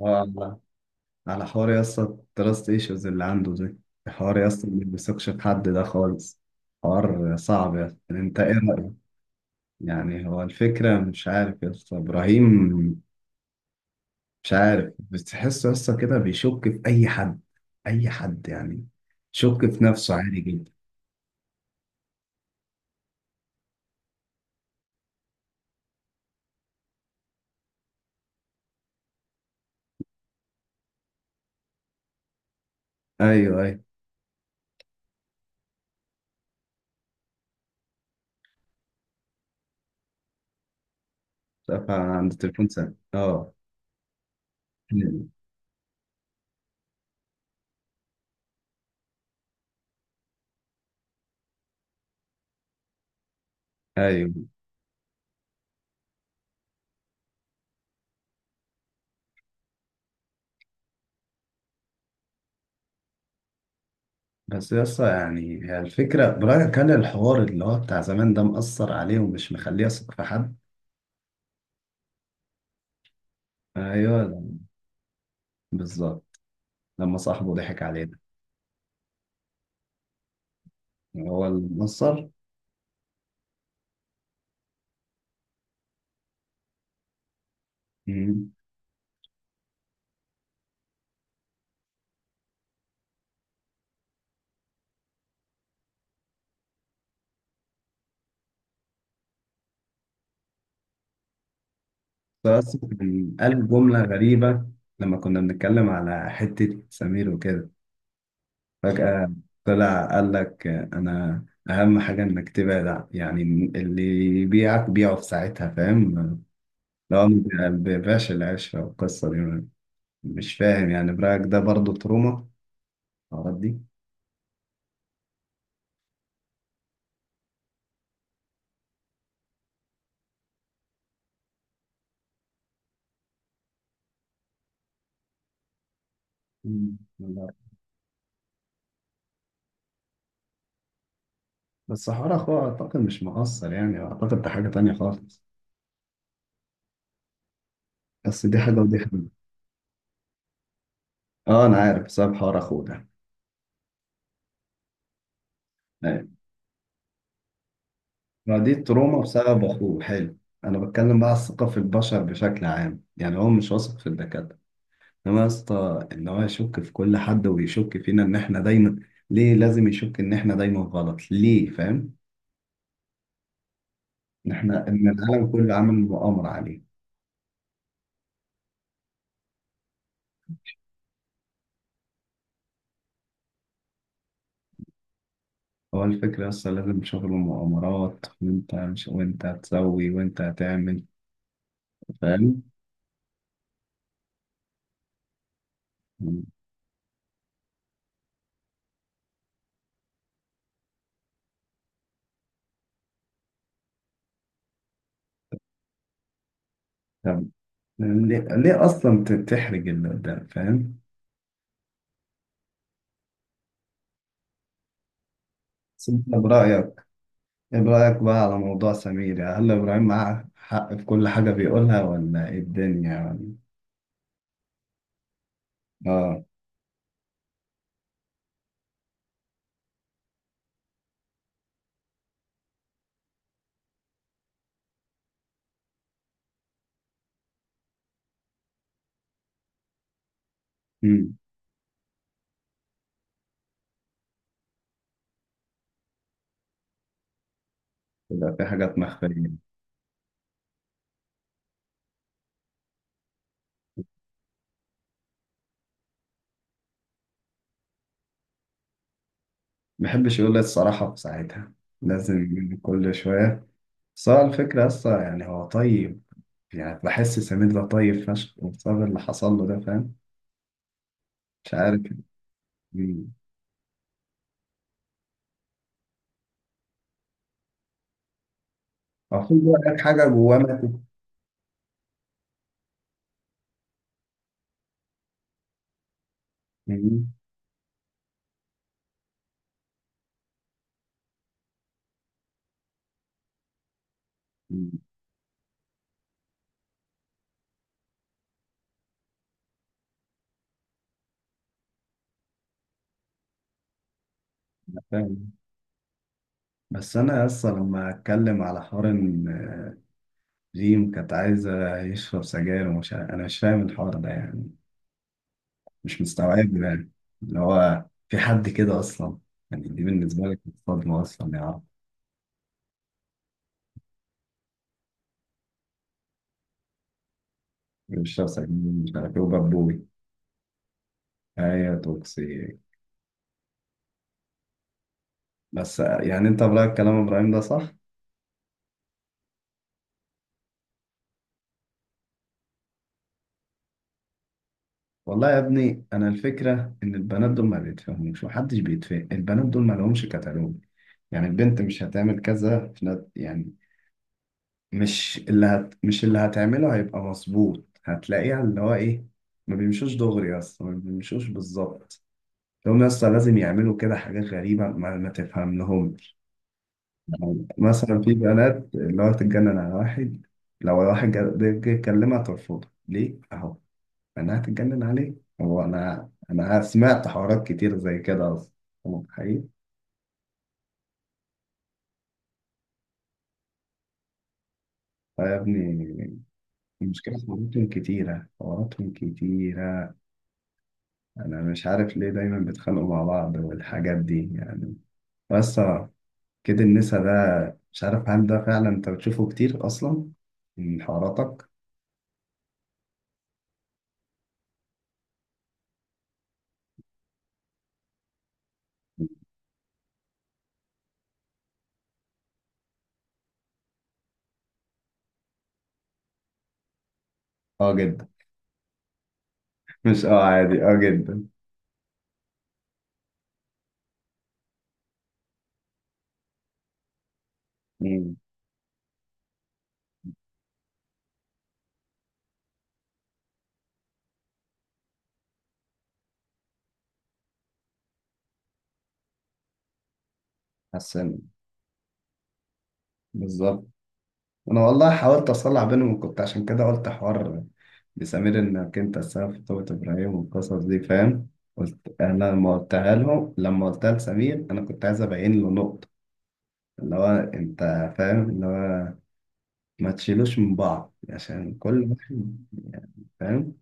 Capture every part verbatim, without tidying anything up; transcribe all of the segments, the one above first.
اه على على حوار يا اسطى، التراست ايشوز اللي عنده دي. حوار يا اسطى، ما بيثقش في حد ده خالص. حوار صعب يا اسطى، يعني انت ايه رأيك؟ يعني هو الفكرة مش عارف يا اسطى، ابراهيم مش عارف بتحسه يا اسطى كده بيشك في اي حد، اي حد يعني. شك في نفسه عادي جدا. ايوه، ايوه. شاف عند التليفون سام اه ايوه. بس يا اسطى، يعني هي الفكرة برايك، هل الحوار اللي هو بتاع زمان ده مأثر عليه ومش مخليه يثق في حد؟ ايوه، بالظبط، لما صاحبه ضحك علينا. يعني هو المنصر. مم. بس كان قال جملة غريبة. لما كنا بنتكلم على حتة سمير وكده، فجأة طلع قال لك أنا أهم حاجة إنك تبعد ع- يعني اللي يبيعك بيعه في ساعتها، فاهم؟ لو ما بيبيعش العشرة والقصة دي. مش فاهم، يعني برأيك ده برضه تروما الحوارات دي؟ مم. لا. بس حوار أخوه أعتقد مش مقصر، يعني أعتقد ده حاجة تانية خالص. بس دي حاجة ودي حاجة. اه، انا عارف بسبب حوار اخوه ده. ايوه، ما دي تروما بسبب اخوه، حلو. انا بتكلم بقى على الثقه في البشر بشكل عام، يعني هو مش واثق في الدكاتره، انما يا اسطى ان هو يشك في كل حد، ويشك فينا ان احنا دايما. ليه لازم يشك ان احنا دايما غلط، ليه؟ فاهم؟ ان احنا ان العالم كله عامل مؤامره عليه. هو الفكره يا اسطى، لازم شغل مؤامرات، وانت مش وانت هتسوي، وانت هتعمل، فاهم؟ طب ليه, ليه اصلا ت- تحرج اللي قدام، فاهم؟ بس انت برأيك، ايه رأيك بقى على موضوع سمير، يعني هل إبراهيم معاه حق في كل حاجة بيقولها، ولا ايه الدنيا يعني؟ اه. امم يبقى في حاجات مخفية. ما بيحبش يقول الصراحة في ساعتها، لازم كل شوية. بس هو الفكرة أصلا يعني هو طيب، يعني بحس سمير ده طيب فشخ، وبسبب اللي حصل له ده، فاهم؟ مش عارف. مم. هو خد بالك حاجة جواه ماتت. مم. مم. فاهم؟ بس أنا أصلا لما أتكلم على حوار إن ريم كانت عايزة يشرب سجاير ومش عارف، أنا مش فاهم الحوار ده يعني، مش مستوعب يعني، اللي هو في حد كده أصلا، يعني دي بالنسبة لك صدمة أصلا يا عم. بيشرب سجاير مش عارف إيه وبابوي. أيوة، توكسيك. بس يعني أنت برأيك كلام إبراهيم ده صح؟ والله يا ابني، أنا الفكرة إن البنات دول ما بيتفهموش، محدش بيتفهم البنات دول، ما لهمش كتالوج. يعني البنت مش هتعمل كذا في نت يعني، مش اللي هت... مش اللي هتعمله هيبقى مظبوط، هتلاقيه اللي هو ايه. ما بيمشوش دغري اصلا، ما بيمشوش بالظبط. هم اصلا لازم يعملوا كده حاجات غريبة ما, ما تفهم لهم. مثلا في بنات اللي هو تتجنن على واحد، لو واحد جا- جه يكلمها ترفضه ليه؟ اهو. انا هتتجنن عليه. هو انا انا سمعت حوارات كتير زي كده اصلا. هو حقيقي. آه يا ابني، المشكلة حواراتهم كتيرة، حواراتهم كتيرة. انا مش عارف ليه دايما بيتخانقوا مع بعض والحاجات دي يعني. بس كده النسا ده، مش عارف، هل ده فعلا انت بتشوفه كتير اصلا من حواراتك؟ اه جدا. مش اه، عادي، اه جدا. امم. حسن، بالظبط. انا والله حاولت اصلح بينهم، كنت عشان كده قلت حوار بسمير انك انت السبب في توبة ابراهيم والقصص دي، فاهم؟ قلت انا لما قلتها لهم، لما قلتها لسمير، انا كنت عايز ابين له نقطة اللي هو انت، فاهم؟ اللي هو ما تشيلوش من بعض عشان كل واحد يعني، فاهم؟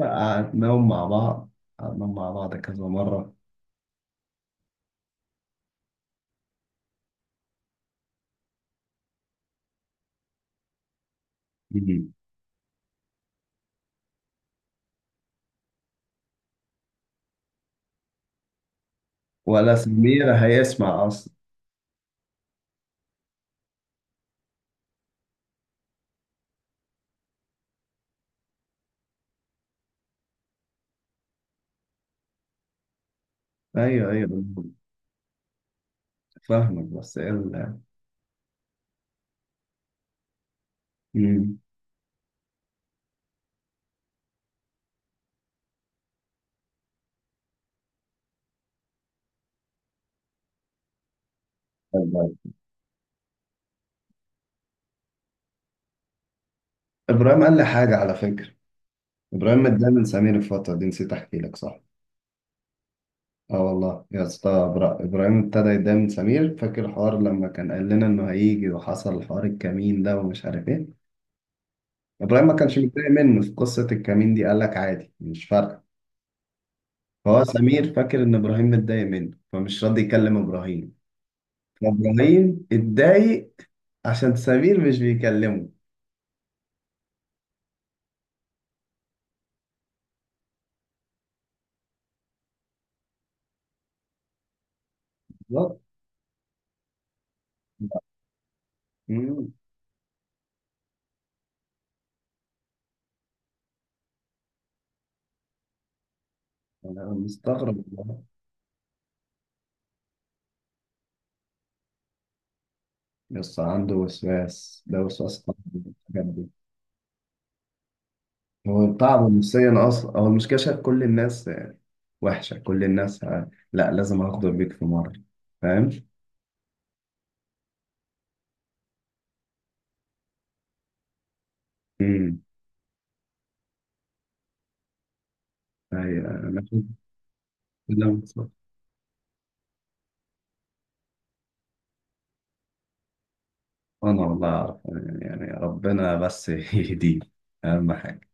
قعدناهم مع بعض، قعدناهم مع بعض كذا مرة. مم. ولا سمير هيسمع أصلا. أيوه، أيوه. فاهمك، بس إيه ال-؟ مم. طيب. إبراهيم قال لي حاجة على فكرة. إبراهيم متضايق من سمير الفترة دي، نسيت أحكي لك، صح. اه والله يا اسطى، إبرا- ابراهيم ابتدى يتضايق من سمير. فاكر الحوار لما كان قال لنا انه هيجي، وحصل حوار الكمين ده ومش عارف ايه. ابراهيم ما كانش متضايق منه في قصه الكمين دي، قال لك عادي، مش فارقه. فهو سمير فاكر ان ابراهيم متضايق منه، فمش راضي يكلم ابراهيم. فابراهيم اتضايق عشان سمير مش بيكلمه. بالظبط. مم. انا مستغرب، والله. بس عنده وسواس، ده وسواس قهري بجد. هو تعبه نفسيا اصلا. هو المشكله شايف كل الناس وحشه، كل الناس ه- لا، لازم اغدر بيك في مره، فاهم؟ امم. ايوه. انا كنت-. انا والله اعرف، يعني ربنا بس يهديه، اهم حاجة.